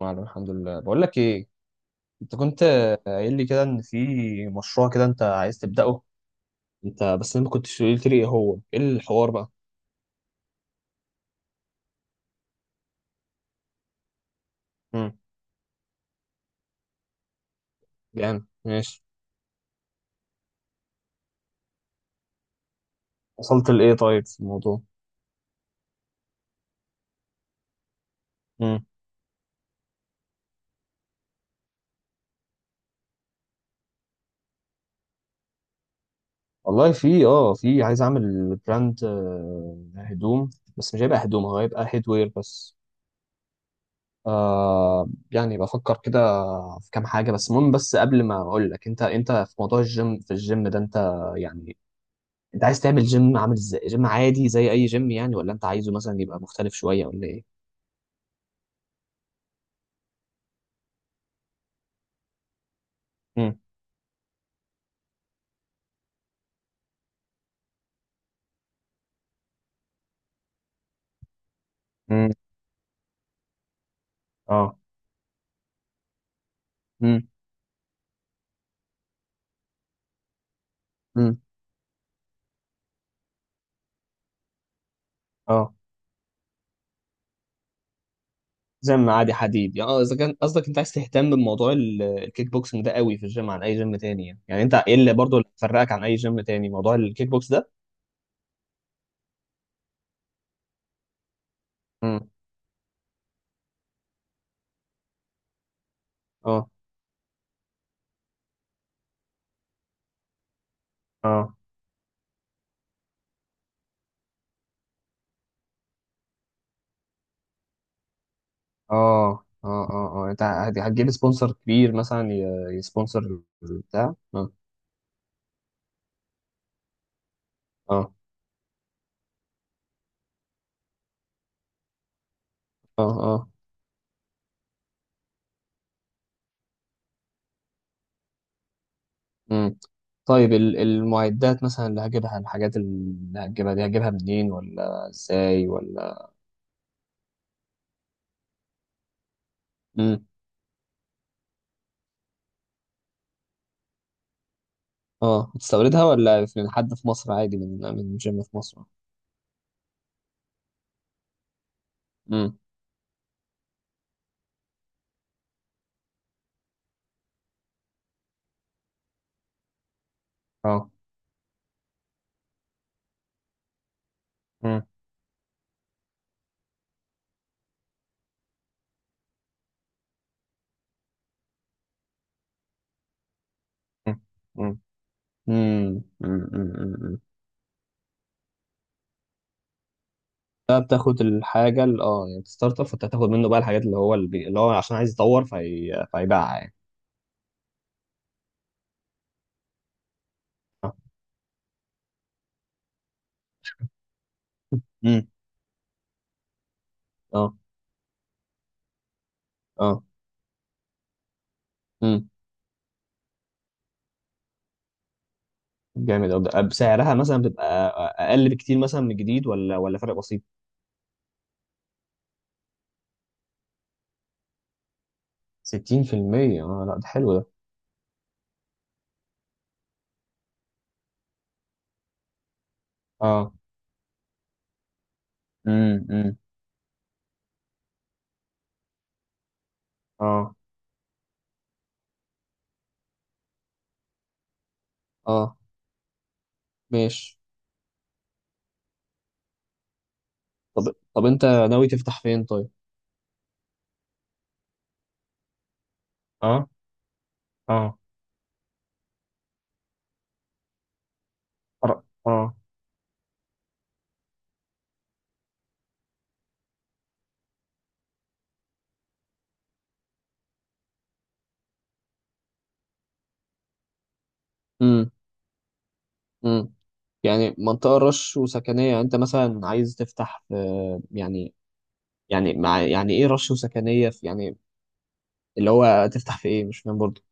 معلم، الحمد لله. بقول لك ايه، انت كنت قايل لي كده ان في مشروع كده انت عايز تبدأه، انت بس انا ما كنتش قلت لي ايه هو، ايه الحوار بقى؟ امم. جامد ماشي. وصلت لايه طيب في الموضوع؟ امم. والله في في عايز اعمل براند هدوم، بس مش هيبقى هدوم، هو هيبقى هيدوير بس. يعني بفكر كده في كام حاجة. بس المهم، بس قبل ما اقول لك انت في موضوع الجيم، في الجيم ده انت يعني، انت عايز تعمل جيم عامل ازاي؟ جيم عادي زي اي جيم يعني، ولا انت عايزه مثلا يبقى مختلف شويه، ولا ايه؟ مم. مم. اه. مم. مم. اه. جيم عادي حديد يعني. اه، اذا كان قصدك انت عايز تهتم بموضوع الكيك بوكسنج ده قوي في الجيم عن اي جيم تاني، يعني يعني انت ايه اللي برضه اللي فرقك عن اي جيم تاني؟ موضوع الكيك بوكس ده. مم. اه. اه. اه. اه. اه. اه. انت هتجيب سبونسر كبير مثلا؟ يسبونسر بتاع اه. اه. اه. اه. طيب، المعدات مثلا اللي هجيبها، الحاجات اللي هتجيبها دي هجيبها منين ولا ازاي ولا؟ امم. اه، هتستوردها ولا من حد في مصر عادي؟ من جيم في مصر؟ امم. اه. امم. امم. امم. امم. ده بتاخد الحاجة اللي يعني الستارت اب، فانت هتاخد منه بقى الحاجات اللي هو اللي هو عشان عايز يطور، فهيبيعها يعني. اه. امم. اه. اه. امم. جامد أوي. ده بسعرها مثلا بتبقى اقل بكتير مثلا من الجديد، ولا فرق بسيط؟ 60%. اه، لا ده حلو ده. اه. امم. امم. اه. اه. ماشي. طب طب انت ناوي تفتح فين طيب؟ اه. اه. أر- اه. امم. امم. يعني منطقة رش وسكنية؟ يعني انت مثلا عايز تفتح في، يعني يعني مع، يعني ايه رش وسكنية في يعني؟ اللي هو تفتح في ايه؟ مش فاهم برضه.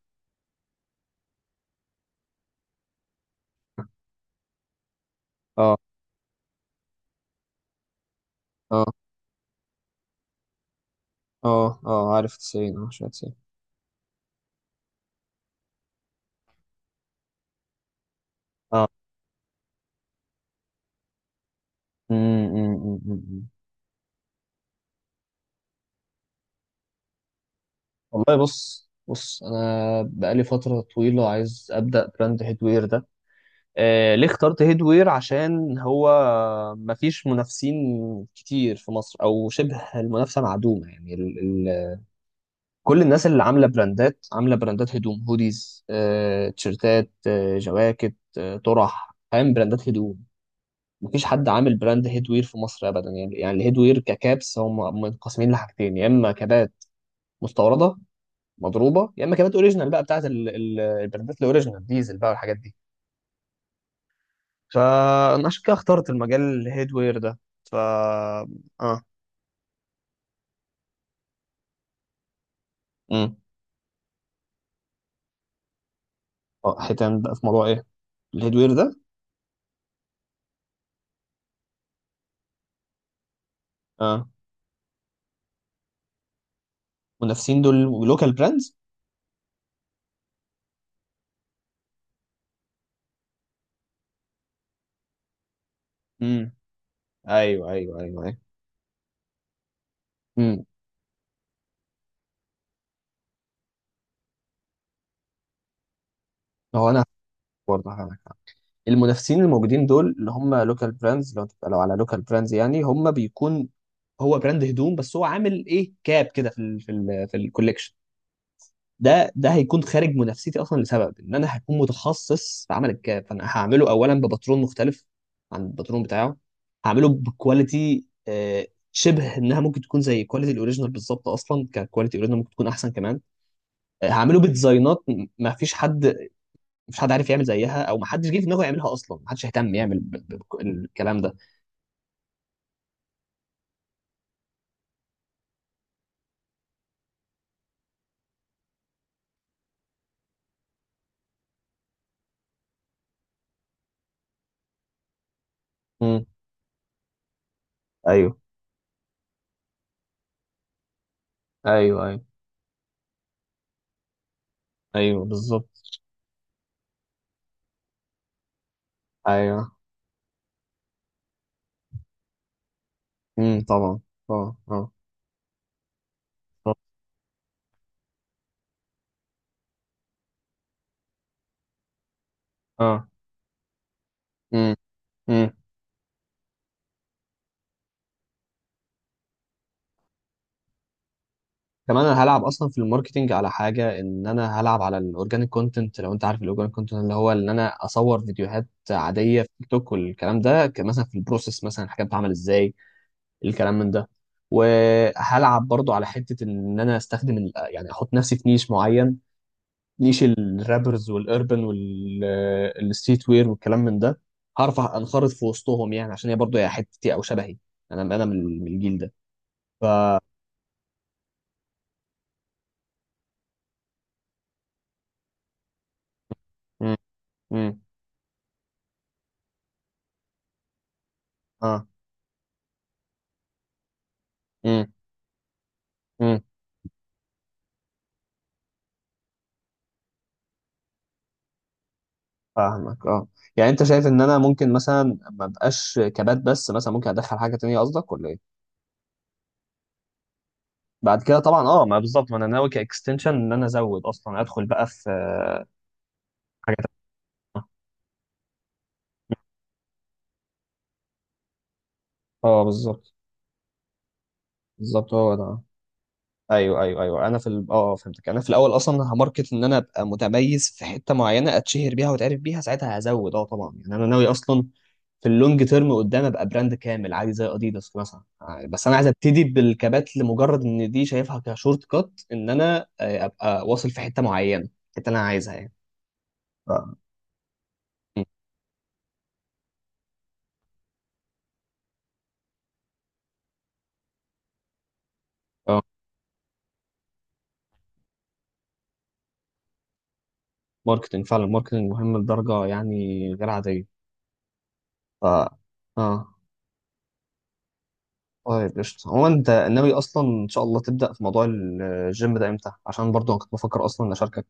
اه. اه. اه. اه، عارف 90، اه شوية 90. اه. امم. والله، بص بص انا بقالي فتره طويله عايز ابدا براند هيدوير ده. ليه اخترت هيدوير؟ عشان هو مفيش منافسين كتير في مصر، او شبه المنافسه معدومه يعني. ال ال كل الناس اللي عامله براندات، عامله براندات هدوم، هوديز، تيشرتات، جواكت، طرح، فاهم؟ براندات هدوم. مفيش حد عامل براند هيدوير في مصر ابدا يعني. يعني الهيدوير ككابس هم منقسمين لحاجتين، يا اما كابات مستورده مضروبه، يا اما كابات اوريجينال بقى بتاعت البرنات الاوريجينال، ديزل بقى والحاجات دي. فانا عشان كده اخترت المجال الهيدوير ده. ف اه امم. اه، حيتان بقى في موضوع ايه؟ الهيدوير ده. اه، منافسين دول، لوكال براندز. امم. ايوه، ايوه، ايوه، ايوه. امم. هو انا برضه هقولك حاجة. المنافسين الموجودين دول اللي هم لوكال براندز، لو تبقى، لو على لوكال براندز يعني، هم بيكون، هو براند هدوم بس هو عامل ايه كاب كده في الكوليكشن. ده هيكون خارج منافستي اصلا، لسبب ان انا هكون متخصص في عمل الكاب. فانا هعمله اولا بباترون مختلف عن الباترون بتاعه. هعمله بكواليتي شبه انها ممكن تكون زي كواليتي الاوريجينال بالظبط، اصلا ككواليتي الاوريجينال ممكن تكون احسن كمان. هعمله بديزاينات ما فيش حد عارف يعمل زيها، او ما حدش جه في دماغه يعملها اصلا، ما حدش اهتم يعمل الكلام ده. امم. ايوه، ايوه، ايوه، ايوه. بالظبط. ايوه. امم. طبعا، طبعا. اه. اه. امم. كمان انا هلعب اصلا في الماركتينج على حاجه، ان انا هلعب على الاورجانيك كونتنت. لو انت عارف الاورجانيك كونتنت، اللي هو ان انا اصور فيديوهات عاديه في تيك توك والكلام ده، مثلا في البروسيس مثلا الحاجات بتتعمل ازاي، الكلام من ده. وهلعب برضو على حته ان انا استخدم يعني احط نفسي في نيش معين، نيش الرابرز والاربن والستريت وير والكلام من ده. هعرف انخرط في وسطهم يعني، عشان هي برضو هي حتتي او شبهي. انا من الجيل ده. ف مم. مم. اه. مم. مم. فاهمك. اه، يعني انت شايف ان انا ممكن مثلا ما ابقاش كبات بس، مثلا ممكن ادخل حاجه تانية قصدك، ولا ايه؟ بعد كده طبعا، اه، ما بالظبط، ما انا ناوي كاكستنشن ان انا ازود اصلا، ادخل بقى في حاجه تانية. اه، بالظبط. بالظبط، هو ده. ايوه، ايوه، ايوه. انا في ال... اه آه، فهمتك. انا في الاول اصلا هماركت ان انا ابقى متميز في حته معينه، اتشهر بيها واتعرف بيها ساعتها هزود. اه، طبعا، يعني انا ناوي اصلا في اللونج تيرم قدام ابقى براند كامل عادي زي اديداس مثلا يعني. بس انا عايز ابتدي بالكبات لمجرد ان دي شايفها كشورت كات، ان انا ابقى واصل في حته معينه، الحته اللي انا عايزها يعني. ف... م. اه. ماركتنج فعلا، ماركتنج مهم لدرجه يعني غير عاديه. ف اه طيب، قشطة. هو انت ناوي اصلا ان شاء الله تبدأ في موضوع الجيم ده امتى؟ عشان برضو انا كنت بفكر اصلا اشاركك.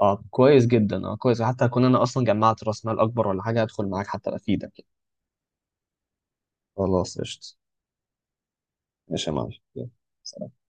اه كويس جدا. اه كويس، حتى اكون انا اصلا جمعت راس مال اكبر، ولا حاجة، ادخل معاك حتى افيدك. خلاص قشطة. ماشي يا معلم. يلا. سلام.